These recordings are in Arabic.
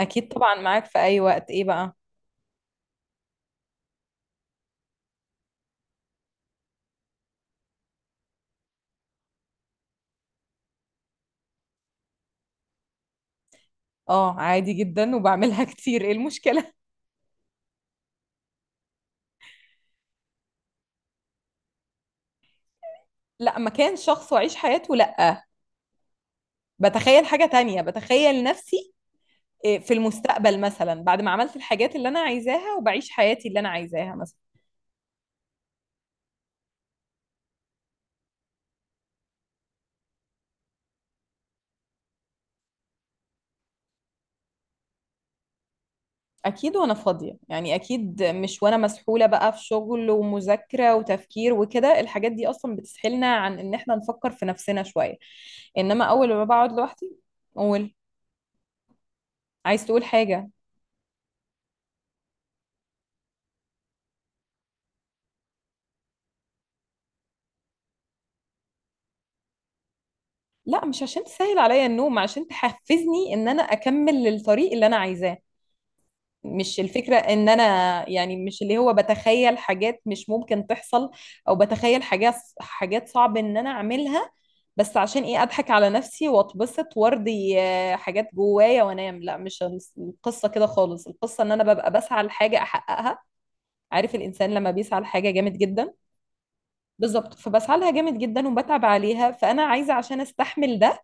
اكيد طبعا، معاك في اي وقت. ايه بقى؟ اه، عادي جدا وبعملها كتير. ايه المشكله؟ لا، مكان شخص واعيش حياته؟ لا. بتخيل حاجه تانية، بتخيل نفسي. إيه، في المستقبل مثلا بعد ما عملت الحاجات اللي انا عايزاها وبعيش حياتي اللي انا عايزاها مثلا. اكيد وانا فاضيه يعني، اكيد مش وانا مسحوله بقى في شغل ومذاكره وتفكير وكده. الحاجات دي اصلا بتسحلنا عن ان احنا نفكر في نفسنا شويه. انما اول ما بقعد لوحدي. قول. عايز تقول حاجه؟ لا، مش عشان تسهل عليا النوم، عشان تحفزني ان انا اكمل الطريق اللي انا عايزاه. مش الفكرة ان انا. يعني مش اللي هو بتخيل حاجات مش ممكن تحصل، او بتخيل حاجات صعب ان انا اعملها. بس عشان ايه؟ اضحك على نفسي واتبسط وارضي حاجات جوايا وانام؟ لا، مش القصة كده خالص. القصة ان انا ببقى بسعى لحاجة احققها. عارف الانسان لما بيسعى لحاجة جامد جدا؟ بالظبط، فبسعى لها جامد جدا وبتعب عليها، فانا عايزة عشان استحمل ده.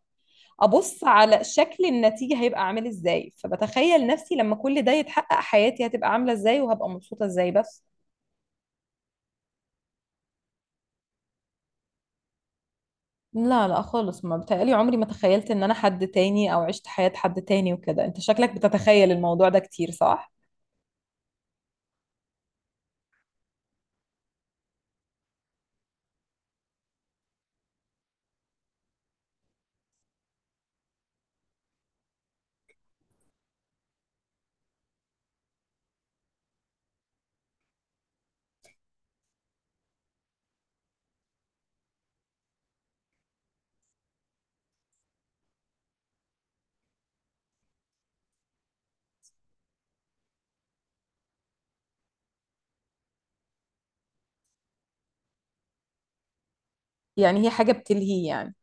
ابص على شكل النتيجه هيبقى عامل ازاي، فبتخيل نفسي لما كل ده يتحقق حياتي هتبقى عامله ازاي وهبقى مبسوطه ازاي بس. لا، لا خالص، ما بتهيألي. عمري ما تخيلت ان انا حد تاني او عشت حياة حد تاني وكده. انت شكلك بتتخيل الموضوع ده كتير، صح؟ يعني هي حاجة بتلهي يعني.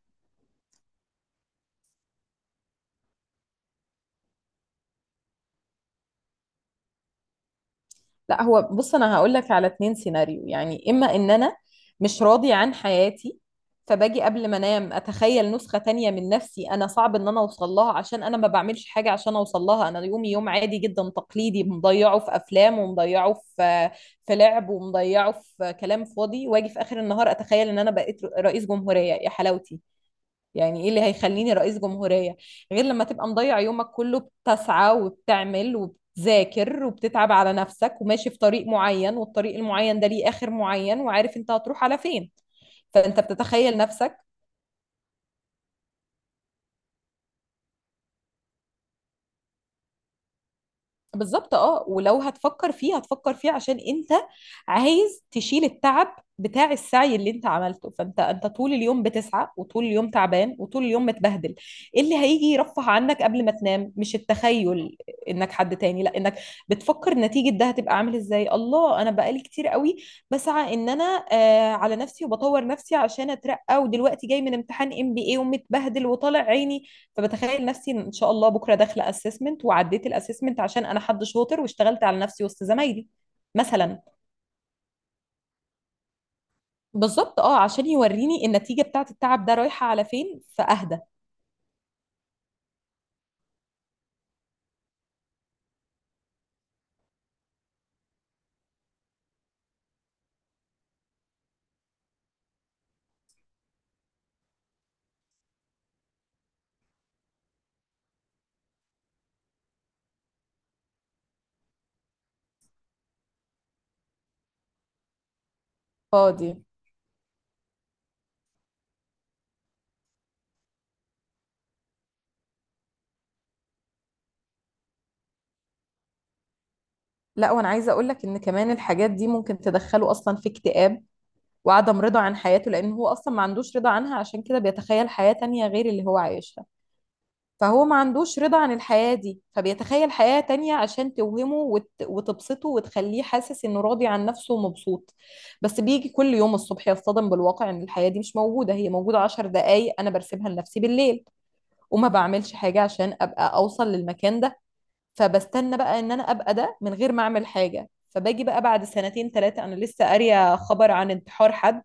لا، هو بص، انا هقول لك على اتنين سيناريو يعني، اما ان انا مش راضي عن حياتي، فباجي قبل ما انام اتخيل نسخة تانية من نفسي انا صعب ان انا اوصل لها، عشان انا ما بعملش حاجة عشان اوصل لها. انا يومي يوم عادي جدا تقليدي، مضيعه في افلام ومضيعه في لعب ومضيعه في كلام فاضي، واجي في اخر النهار اتخيل ان انا بقيت رئيس جمهورية يا حلاوتي. يعني ايه اللي هيخليني رئيس جمهورية؟ غير لما تبقى مضيع يومك كله بتسعى وبتعمل وبتذاكر وبتتعب على نفسك وماشي في طريق معين، والطريق المعين ده ليه آخر معين وعارف انت هتروح على فين. فانت بتتخيل نفسك. بالظبط. اه، ولو هتفكر فيه، هتفكر فيه عشان انت عايز تشيل التعب بتاع السعي اللي انت عملته. فانت طول اليوم بتسعى وطول اليوم تعبان وطول اليوم متبهدل. ايه اللي هيجي يرفه عنك قبل ما تنام؟ مش التخيل انك حد تاني، لا، انك بتفكر نتيجة ده هتبقى عامل ازاي. الله، انا بقالي كتير قوي بسعى ان انا على نفسي وبطور نفسي عشان اترقى، ودلوقتي جاي من امتحان ام بي اي ومتبهدل وطالع عيني. فبتخيل نفسي ان شاء الله بكره داخله اسسمنت وعديت الاسسمنت عشان انا حد شاطر واشتغلت على نفسي وسط زمايلي مثلا. بالظبط. اه، عشان يوريني النتيجه بتاعت التعب ده رايحه على فين فاهدى. فاضي. لا، وانا عايزه اقول لك ان كمان الحاجات دي ممكن تدخله اصلا في اكتئاب وعدم رضا عن حياته، لان هو اصلا ما عندوش رضا عنها، عشان كده بيتخيل حياه تانية غير اللي هو عايشها. فهو ما عندوش رضا عن الحياة دي، فبيتخيل حياة تانية عشان توهمه وتبسطه وتخليه حاسس انه راضي عن نفسه ومبسوط. بس بيجي كل يوم الصبح يصطدم بالواقع ان الحياة دي مش موجودة. هي موجودة عشر دقايق انا برسمها لنفسي بالليل. وما بعملش حاجة عشان ابقى اوصل للمكان ده. فبستنى بقى ان انا ابقى ده من غير ما اعمل حاجه. فباجي بقى بعد سنتين ثلاثه انا لسه قاريه خبر عن انتحار حد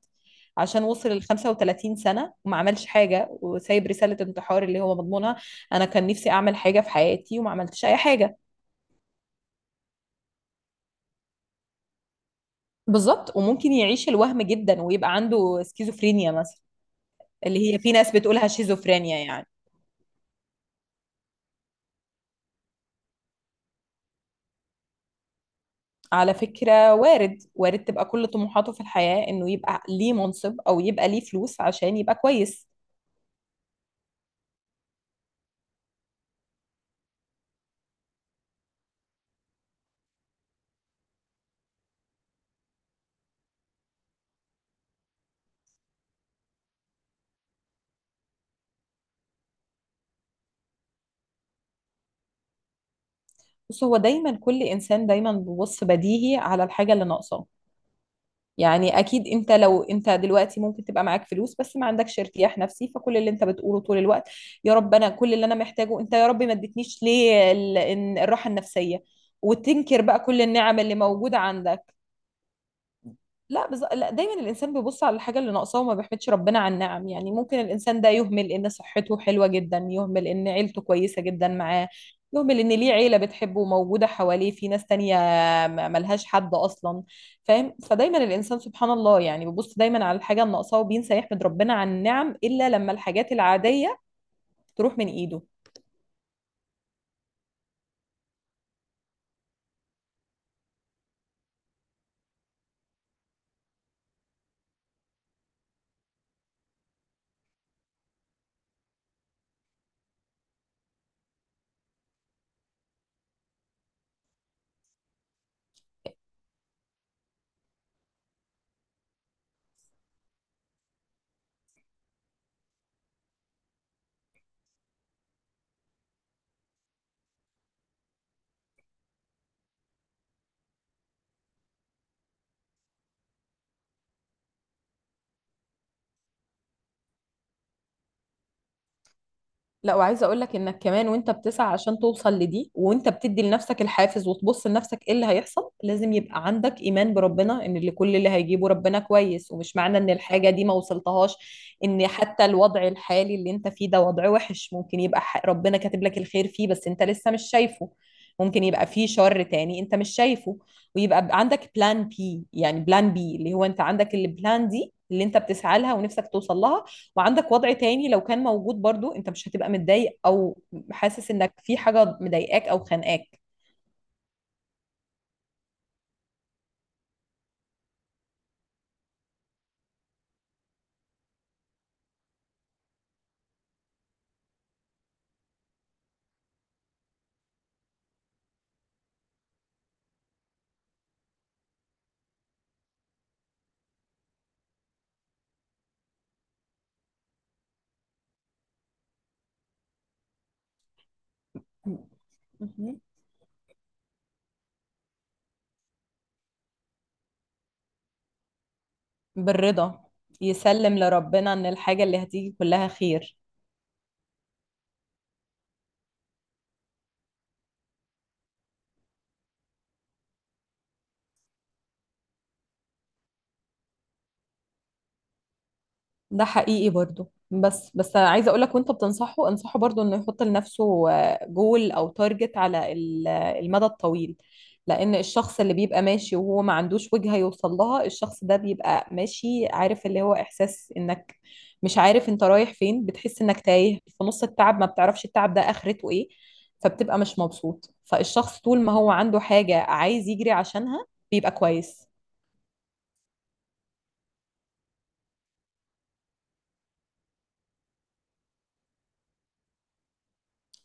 عشان وصل ل 35 سنه وما عملش حاجه، وسايب رساله انتحار اللي هو مضمونها: انا كان نفسي اعمل حاجه في حياتي وما عملتش اي حاجه. بالظبط، وممكن يعيش الوهم جدا ويبقى عنده سكيزوفرينيا مثلا. اللي هي في ناس بتقولها شيزوفرينيا يعني. على فكرة، وارد وارد تبقى كل طموحاته في الحياة انه يبقى ليه منصب او يبقى ليه فلوس عشان يبقى كويس. بص، هو دايما، كل انسان دايما بيبص بديهي على الحاجه اللي ناقصاه. يعني اكيد انت، لو انت دلوقتي ممكن تبقى معاك فلوس بس ما عندكش ارتياح نفسي، فكل اللي انت بتقوله طول الوقت: يا رب، انا كل اللي انا محتاجه، انت يا رب ما اديتنيش ليه الراحه النفسيه. وتنكر بقى كل النعم اللي موجوده عندك. لا، لا، دايما الانسان بيبص على الحاجه اللي ناقصاه وما بيحمدش ربنا على النعم. يعني ممكن الانسان ده يهمل ان صحته حلوه جدا، يهمل ان عيلته كويسه جدا معاه، يهمل ان ليه عيله بتحبه وموجوده حواليه، في ناس تانية ملهاش حد اصلا. فاهم؟ فدايما الانسان، سبحان الله يعني، بيبص دايما على الحاجه اللي ناقصاه وبينسى يحمد ربنا على النعم الا لما الحاجات العاديه تروح من ايده. لا، وعايزه اقول لك انك كمان وانت بتسعى عشان توصل لدي وانت بتدي لنفسك الحافز وتبص لنفسك ايه اللي هيحصل، لازم يبقى عندك ايمان بربنا ان اللي كل اللي هيجيبه ربنا كويس، ومش معنى ان الحاجه دي ما وصلتهاش ان حتى الوضع الحالي اللي انت فيه ده وضع وحش. ممكن يبقى ربنا كاتب لك الخير فيه بس انت لسه مش شايفه. ممكن يبقى فيه شر تاني انت مش شايفه. ويبقى عندك بلان بي، يعني بلان بي اللي هو انت عندك البلان دي اللي انت بتسعى لها ونفسك توصل لها، وعندك وضع تاني لو كان موجود برضو، انت مش هتبقى متضايق او حاسس انك في حاجة مضايقاك او خانقاك. مهم. بالرضا. يسلم لربنا ان الحاجة اللي هتيجي كلها خير. ده حقيقي برضو، بس عايزه اقول لك وانت بتنصحه انصحه برضو انه يحط لنفسه جول او تارجت على المدى الطويل. لان الشخص اللي بيبقى ماشي وهو ما عندوش وجهه يوصل لها، الشخص ده بيبقى ماشي عارف اللي هو احساس انك مش عارف انت رايح فين، بتحس انك تايه في نص التعب ما بتعرفش التعب ده اخرته ايه. فبتبقى مش مبسوط، فالشخص طول ما هو عنده حاجه عايز يجري عشانها بيبقى كويس.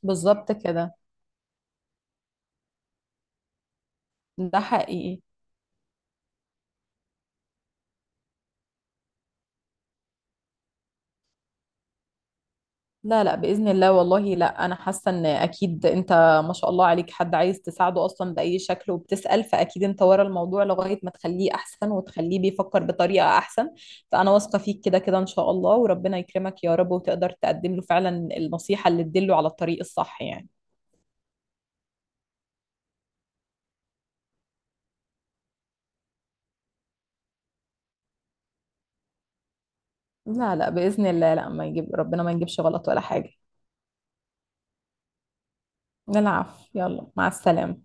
بالظبط كده. ده حقيقي. لا، لا بإذن الله، والله لا، أنا حاسة إن أكيد أنت ما شاء الله عليك حد عايز تساعده أصلا بأي شكل وبتسأل، فأكيد أنت ورا الموضوع لغاية ما تخليه أحسن وتخليه بيفكر بطريقة أحسن. فأنا واثقة فيك كده كده إن شاء الله. وربنا يكرمك يا رب، وتقدر تقدم له فعلا النصيحة اللي تدله على الطريق الصح يعني. لا، لا بإذن الله، لا، ما يجيب ربنا ما يجيبش غلط ولا حاجة. العفو، يلا مع السلامة.